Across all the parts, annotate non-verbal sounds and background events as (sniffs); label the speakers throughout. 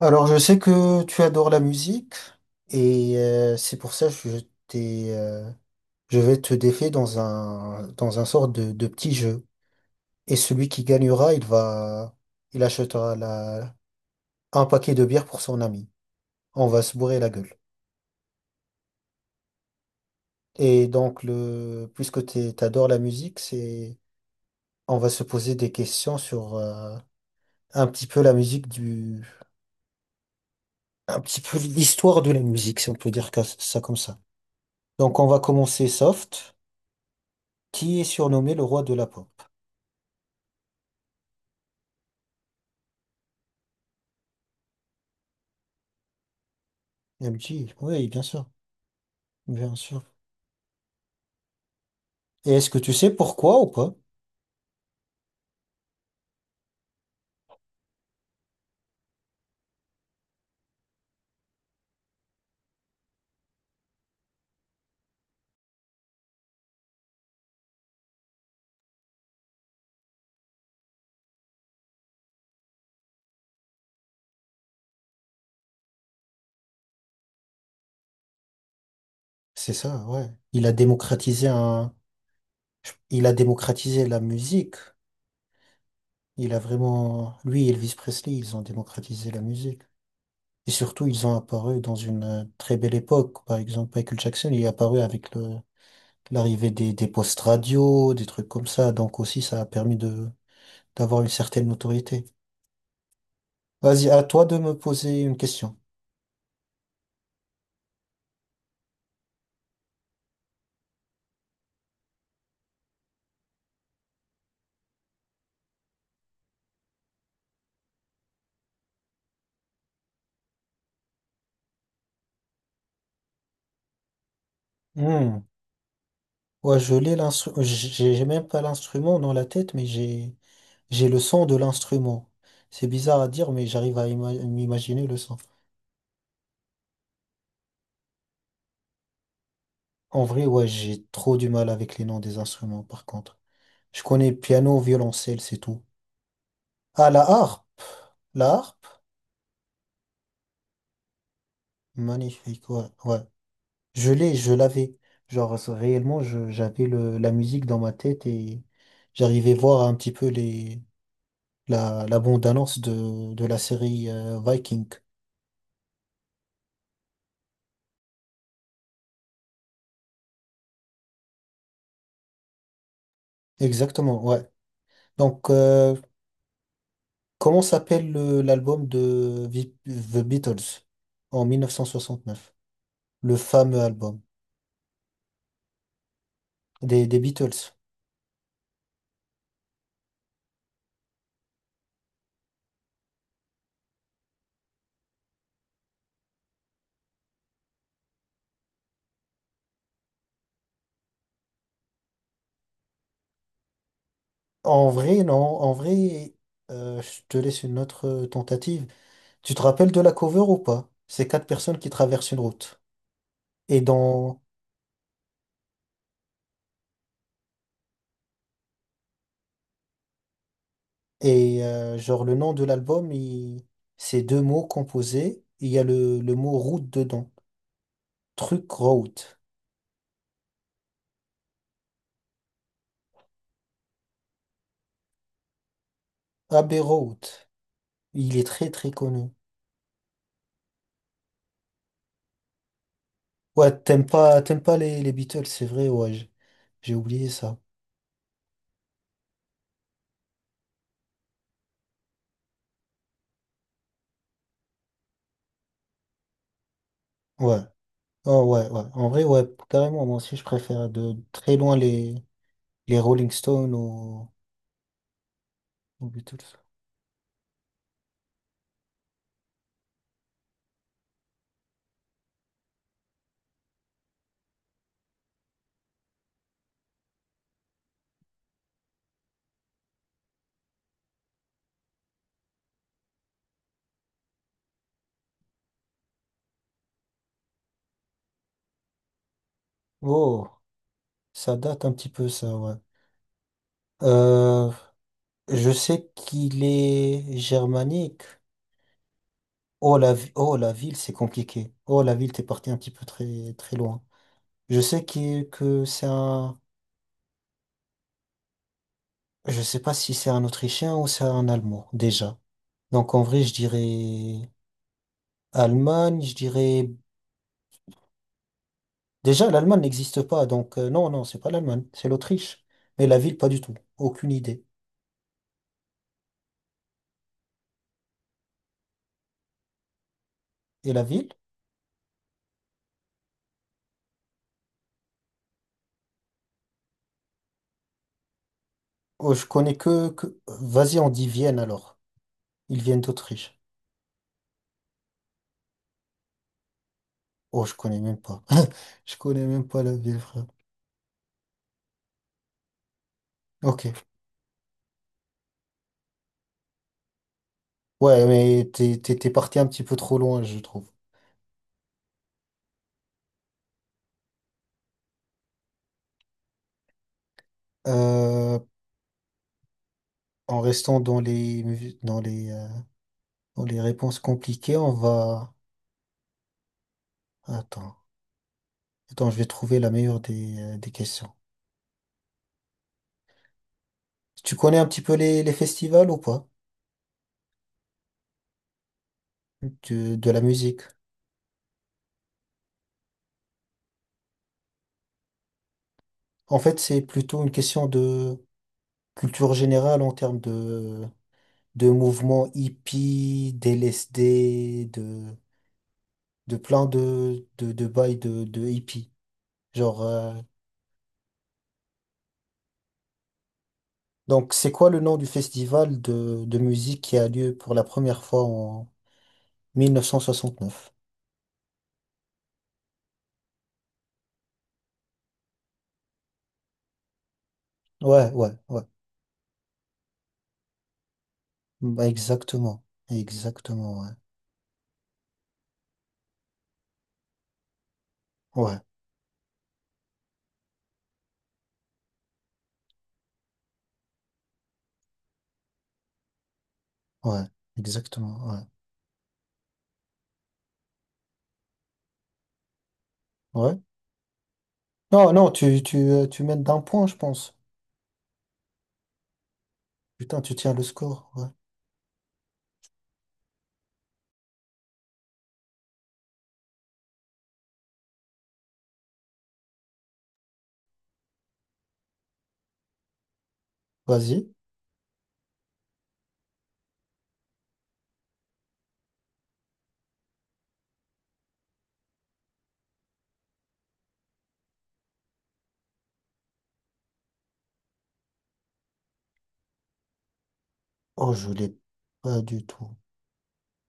Speaker 1: Alors, je sais que tu adores la musique et c'est pour ça que je t'ai, euh, je vais te défier dans un sort de petit jeu. Et celui qui gagnera, il achètera un paquet de bière pour son ami. On va se bourrer la gueule. Et donc puisque t'adores la musique, on va se poser des questions sur un petit peu la musique un petit peu l'histoire de la musique, si on peut dire ça comme ça. Donc on va commencer soft. Qui est surnommé le roi de la pop. Elle me dit, oui, bien sûr, bien sûr. Et est-ce que tu sais pourquoi ou pas? C'est ça, ouais. Il a démocratisé la musique. Il a vraiment, lui et Elvis Presley, ils ont démocratisé la musique. Et surtout, ils ont apparu dans une très belle époque. Par exemple, Michael Jackson, il est apparu avec l'arrivée des postes radio, des trucs comme ça. Donc aussi, ça a permis de, d'avoir une certaine notoriété. Vas-y, à toi de me poser une question. Hmm. Ouais, j'ai même pas l'instrument dans la tête, mais j'ai le son de l'instrument. C'est bizarre à dire, mais m'imaginer le son. En vrai, ouais, j'ai trop du mal avec les noms des instruments, par contre. Je connais piano, violoncelle, c'est tout. Ah, la harpe. La harpe. Magnifique, ouais, ouais. Je l'avais. Genre, ça, réellement, j'avais la musique dans ma tête et j'arrivais voir un petit peu la bande-annonce de la série Viking. Exactement, ouais. Donc, comment s'appelle l'album de The Beatles en 1969, le fameux album des Beatles. En vrai, non. En vrai, je te laisse une autre tentative. Tu te rappelles de la cover ou pas? C'est quatre personnes qui traversent une route. Et dans et genre le nom de l'album, il... c'est deux mots composés. Il y a le mot route dedans. Truc road. Abbey Road. Il est très très connu. Ouais, t'aimes pas les Beatles, c'est vrai. Ouais, j'ai oublié ça. Ouais. Oh ouais ouais. En vrai ouais, carrément. Moi aussi je préfère de très loin les Rolling Stones aux Beatles. Oh, ça date un petit peu ça ouais. Euh, je sais qu'il est germanique. Oh, la ville, c'est compliqué. Oh la ville, t'es parti un petit peu très, très loin. Je sais que c'est un... Je sais pas si c'est un Autrichien ou c'est un Allemand, déjà. Donc en vrai, je dirais Allemagne, je dirais... Déjà, l'Allemagne n'existe pas, donc non, non, c'est pas l'Allemagne, c'est l'Autriche. Mais la ville, pas du tout. Aucune idée. Et la ville? Oh, je connais que... Vas-y, on dit Vienne alors. Ils viennent d'Autriche. Oh, je connais même pas. (laughs) Je connais même pas la ville, frère. Ok. Ouais, mais t'es parti un petit peu trop loin, je trouve. Euh, en restant dans dans dans les réponses compliquées, on va... Attends. Attends, je vais trouver la meilleure des questions. Tu connais un petit peu les festivals ou pas? De la musique. En fait, c'est plutôt une question de culture générale en termes de mouvements hippies, d'LSD, de plein de bails de hippies. Genre, donc, c'est quoi le nom du festival de musique qui a lieu pour la première fois en 1969. Ouais, ouais, ouais. Bah, exactement. Exactement, ouais. Ouais, ouais. Exactement, ouais. Ouais. Non, non, tu mènes d'un point, je pense. Putain, tu tiens le score, ouais. Vas-y. Oh, je l'ai pas du tout.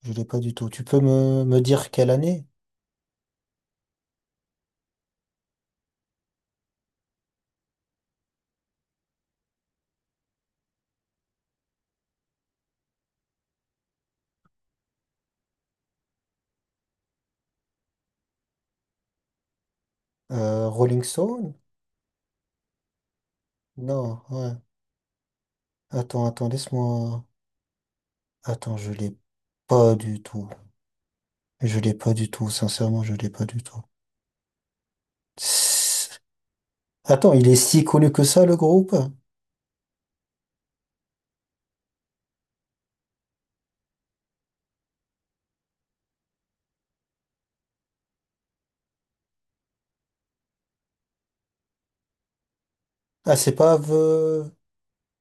Speaker 1: Je l'ai pas du tout. Tu peux me dire quelle année? Rolling Stone? Non, ouais. Attends, laisse-moi. Attends, je l'ai pas du tout. Je l'ai pas du tout, sincèrement, je l'ai pas du tout. (sniffs) Tss. Attends, il est si connu que ça, le groupe? Ah, c'est pas The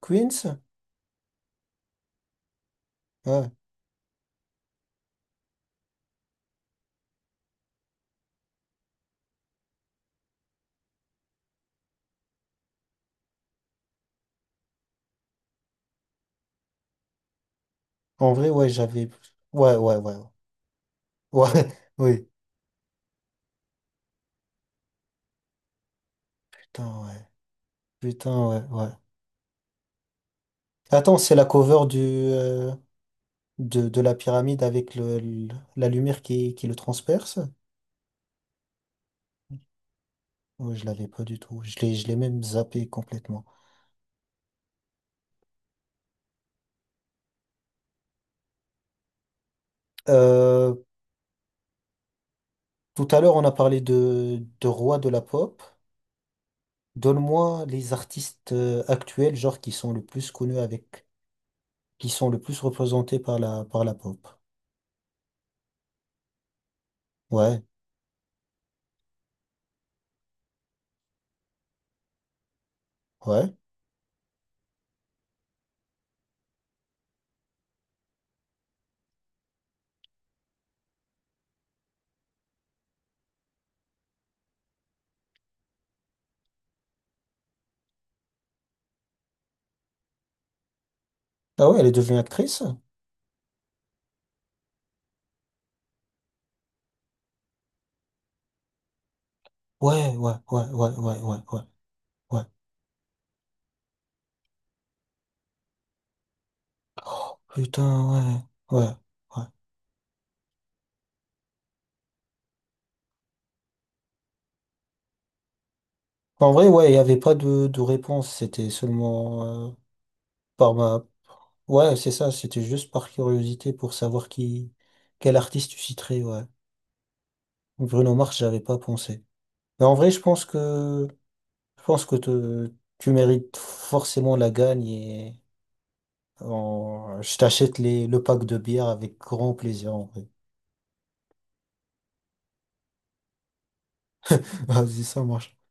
Speaker 1: Queens? Ouais. En vrai, ouais, j'avais. Ouais, ouais, ouais. Ouais, (laughs) oui. Putain, ouais. Putain, ouais, ouais. Attends, c'est la cover de la pyramide avec la lumière qui le transperce? Ouais, je l'avais pas du tout. Je l'ai même zappé complètement. Euh, Tout à l'heure, on a parlé de roi de la pop. Donne-moi les artistes actuels, genre qui sont le plus connus avec, qui sont le plus représentés par par la pop. Ouais, ouais. Ah ouais, elle est devenue actrice? Ouais, ouais. Oh, putain, ouais, ouais, ouais. En vrai, ouais, il n'y avait pas de réponse, c'était seulement euh, par ma... Ouais, c'est ça, c'était juste par curiosité pour savoir qui, quel artiste tu citerais, ouais. Bruno Mars, j'avais pas pensé. Mais en vrai, je pense que tu mérites forcément la gagne et je t'achète le pack de bière avec grand plaisir en vrai. (laughs) Vas-y, ça marche.